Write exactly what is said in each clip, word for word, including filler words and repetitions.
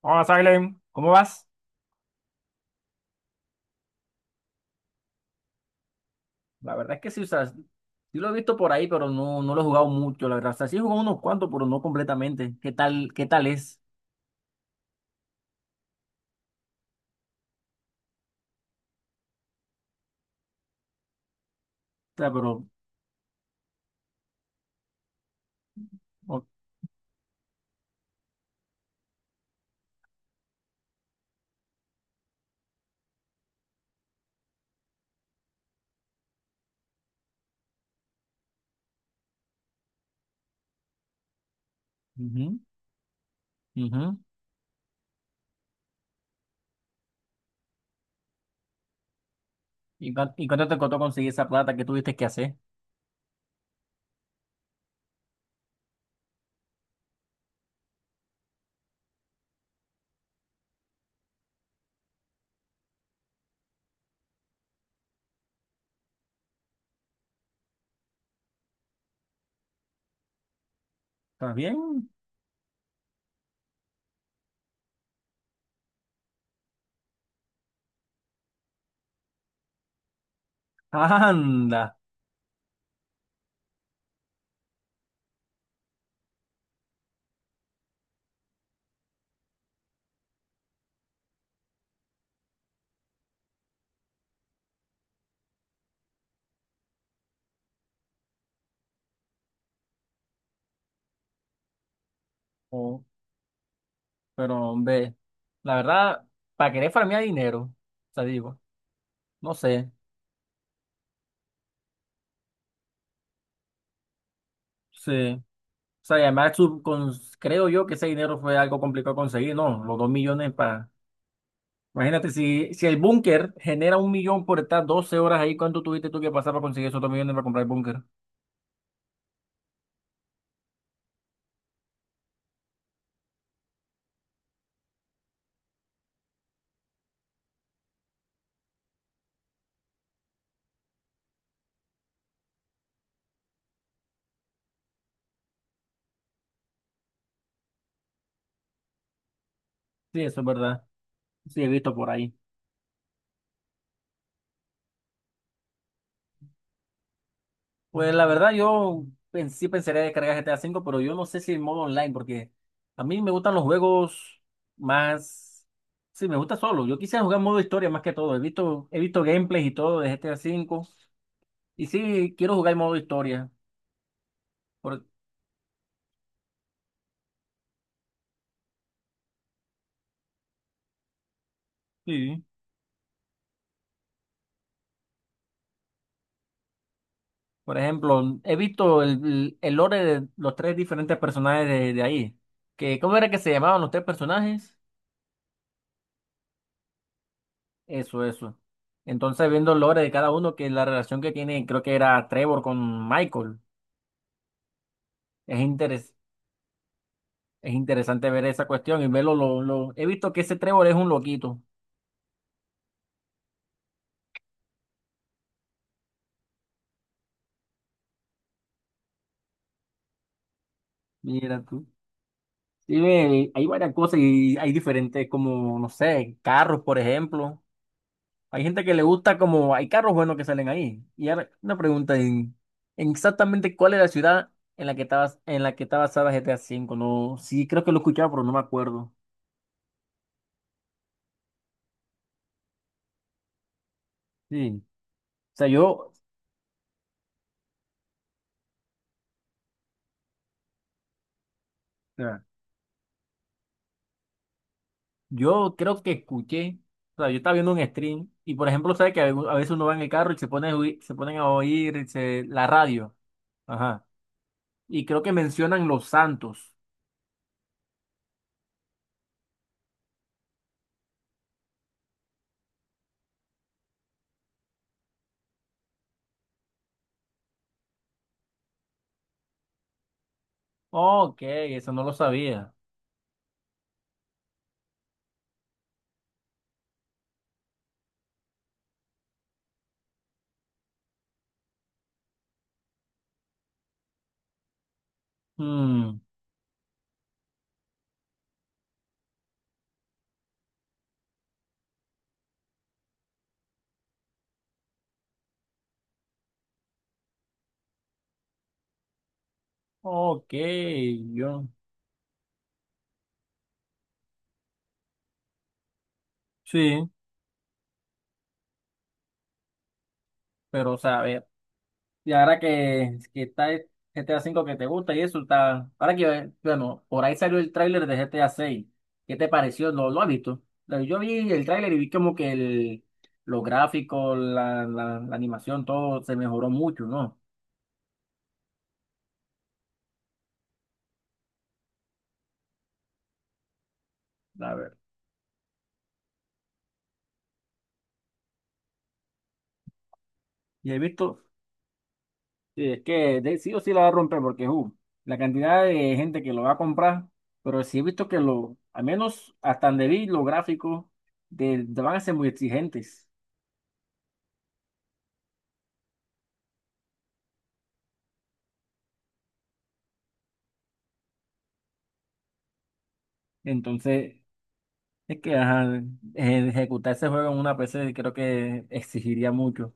Hola, Salem, ¿cómo vas? La verdad es que sí, o sea, sí lo he visto por ahí, pero no, no lo he jugado mucho, la verdad. O sea, sí he jugado unos cuantos, pero no completamente. ¿Qué tal, qué tal es? O sea, pero. o- Ujú, ujú. ¿Y, cuán- y cuánto te costó conseguir esa plata que tuviste que hacer? ¿Estás bien? Anda. Oh, pero, hombre, la verdad, para querer farmear dinero, o sea, digo, no sé, sí. O sea, y además, su- con- creo yo que ese dinero fue algo complicado de conseguir, ¿no? Los dos millones para. Imagínate, si, si el búnker genera un millón por estar doce horas ahí, ¿cuánto tuviste tú que pasar para conseguir esos dos millones para comprar el búnker? Sí, eso es verdad. Sí, he visto por ahí. Pues la verdad, yo pen- sí pensaría descargar G T A V, pero yo no sé si el modo online, porque a mí me gustan los juegos más. Sí, me gusta solo. Yo quisiera jugar modo historia más que todo. He visto, he visto gameplays y todo de G T A V. Y sí, quiero jugar el modo historia. Por. Sí. Por ejemplo, he visto el, el lore de los tres diferentes personajes de, de ahí. Que, ¿cómo era que se llamaban los tres personajes? Eso, eso. Entonces, viendo el lore de cada uno, que la relación que tiene, creo que era Trevor con Michael. Es interes- es interesante ver esa cuestión y verlo. Lo, lo- he visto que ese Trevor es un loquito. Mira tú. Sí, ve, hay varias cosas y hay diferentes, como, no sé, carros, por ejemplo. Hay gente que le gusta como hay carros buenos que salen ahí. Y ahora una pregunta en, en exactamente cuál es la ciudad en la que estabas en la que está basada G T A cinco. No, sí creo que lo escuchaba, pero no me acuerdo. Sí. O sea, yo, o sea, yo creo que escuché, o sea, yo estaba viendo un stream y por ejemplo, sabes que a a veces uno va en el carro y se pone a oí- se ponen a oír se- la radio. Ajá. Y creo que mencionan Los Santos. Ok, eso no lo sabía. Hmm, ok, yo. Sí. Pero, o sea, a ver, y ahora que, que está el G T A cinco que te gusta y eso está. Ahora que, eh, bueno, por ahí salió el tráiler de G T A seis. ¿Qué te pareció? ¿Lo, lo has visto? Lo- Yo vi el tráiler y vi como que el, los gráficos, la, la, la animación, todo se mejoró mucho, ¿no? A ver. Y he visto, sí, es que de- sí o sí la va a romper porque uh, la cantidad de gente que lo va a comprar, pero sí he visto que lo, al menos hasta donde vi los gráficos, de, de van a ser muy exigentes. Entonces. Es que ajá, eh, ejecutar ese juego en una P C creo que exigiría mucho.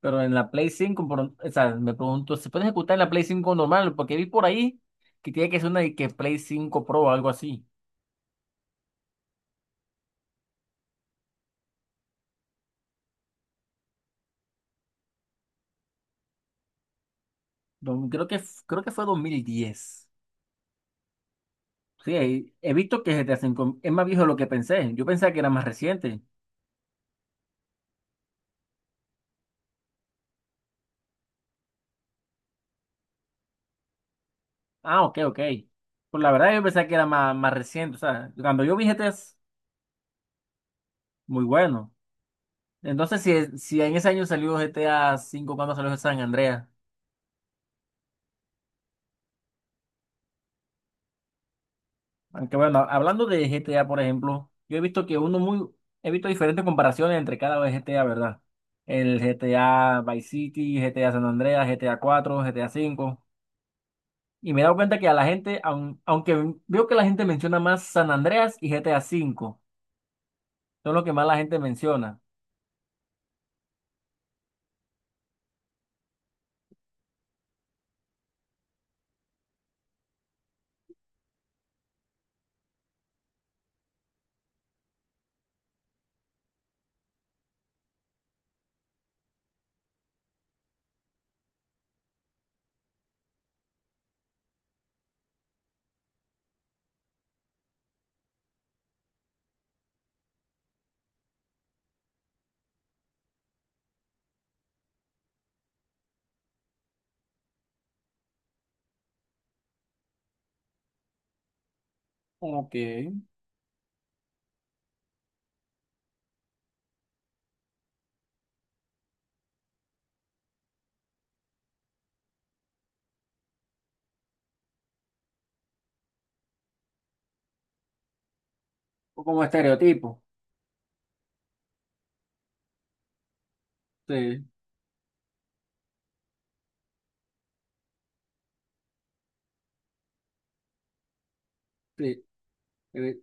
Pero en la Play cinco por- o sea, me pregunto, ¿se puede ejecutar en la Play cinco normal? Porque vi por ahí que tiene que ser una de que Play cinco Pro o algo así. Do- Creo que, f- creo que fue dos mil diez. Sí, he he visto que G T A cinco es más viejo de lo que pensé. Yo pensaba que era más reciente. Ah, ok, ok. Pues la verdad yo pensaba que era más, más reciente. O sea, cuando yo vi G T A es muy bueno. Entonces, si, si en ese año salió G T A cinco, ¿cuándo salió San Andreas? Aunque bueno, hablando de G T A, por ejemplo, yo he visto que uno muy, he visto diferentes comparaciones entre cada G T A, ¿verdad? El G T A Vice City, GTA San Andreas, G T A cuatro, G T A cinco. Y me he dado cuenta que a la gente, aun- aunque veo que la gente menciona más San Andreas y G T A cinco, son lo que más la gente menciona. Ok, o como estereotipo. Sí, sí. Eh,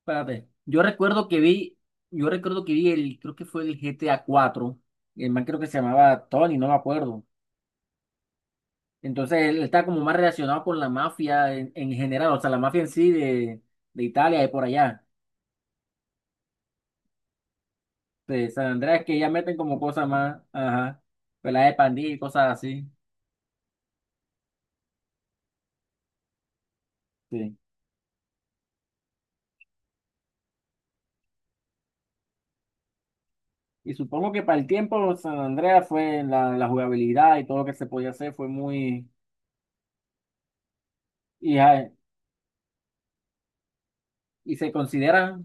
Espérate. Yo recuerdo que vi, yo recuerdo que vi el, creo que fue el G T A cuatro. El man creo que se llamaba Tony, no me acuerdo. Entonces él está como más relacionado con la mafia en, en general, o sea, la mafia en sí de, de Italia y por allá. De San Andrés, que ya meten como cosas más, ajá, peladas de pandilla y cosas así. Sí. Y supongo que para el tiempo San Andrés fue la, la jugabilidad y todo lo que se podía hacer fue muy. Y, ja- y se considera,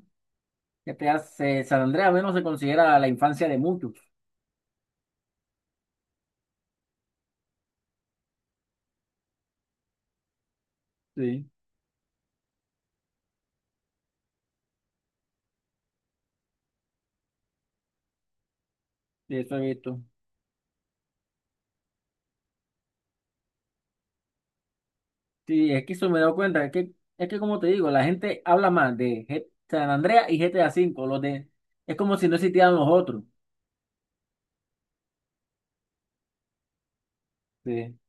que te hace, San Andrés al menos se considera la infancia de muchos. Sí, de eso he visto. Sí, es que eso me he dado cuenta, es que, es que como te digo, la gente habla más de G- San Andreas y G T A V, los de, es como si no existieran los otros. Sí.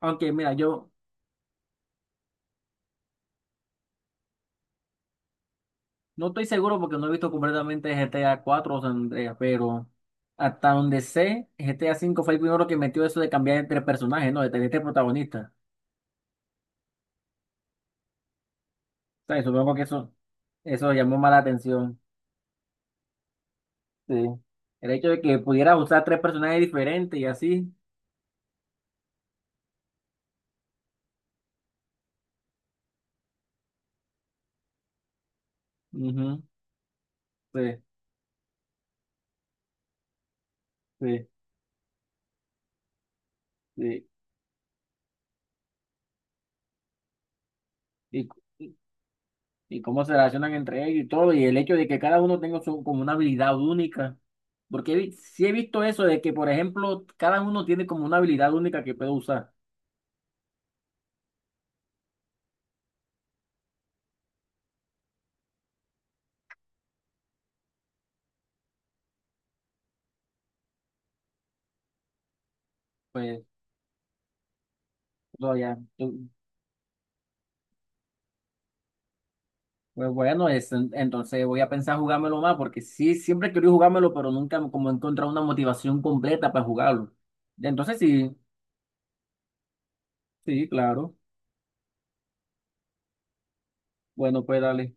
Aunque mira, yo no estoy seguro porque no he visto completamente G T A cuatro o San Andreas, pero hasta donde sé, G T A cinco fue el primero que metió eso de cambiar entre personajes, ¿no? De tener este protagonista. O sea, y supongo que eso, eso llamó más la atención. Sí. El hecho de que pudieras usar tres personajes diferentes y así. Ujú. Sí, sí, sí. Y- y cómo se relacionan entre ellos y todo, y el hecho de que cada uno tenga su, como una habilidad única. Porque he vi- sí he visto eso de que, por ejemplo, cada uno tiene como una habilidad única que puede usar. Pues, no, ya, tú- pues bueno, es- entonces voy a pensar jugármelo más, porque sí, siempre he querido jugármelo, pero nunca como he encontrado una motivación completa para jugarlo. Entonces sí, sí, claro. Bueno, pues dale.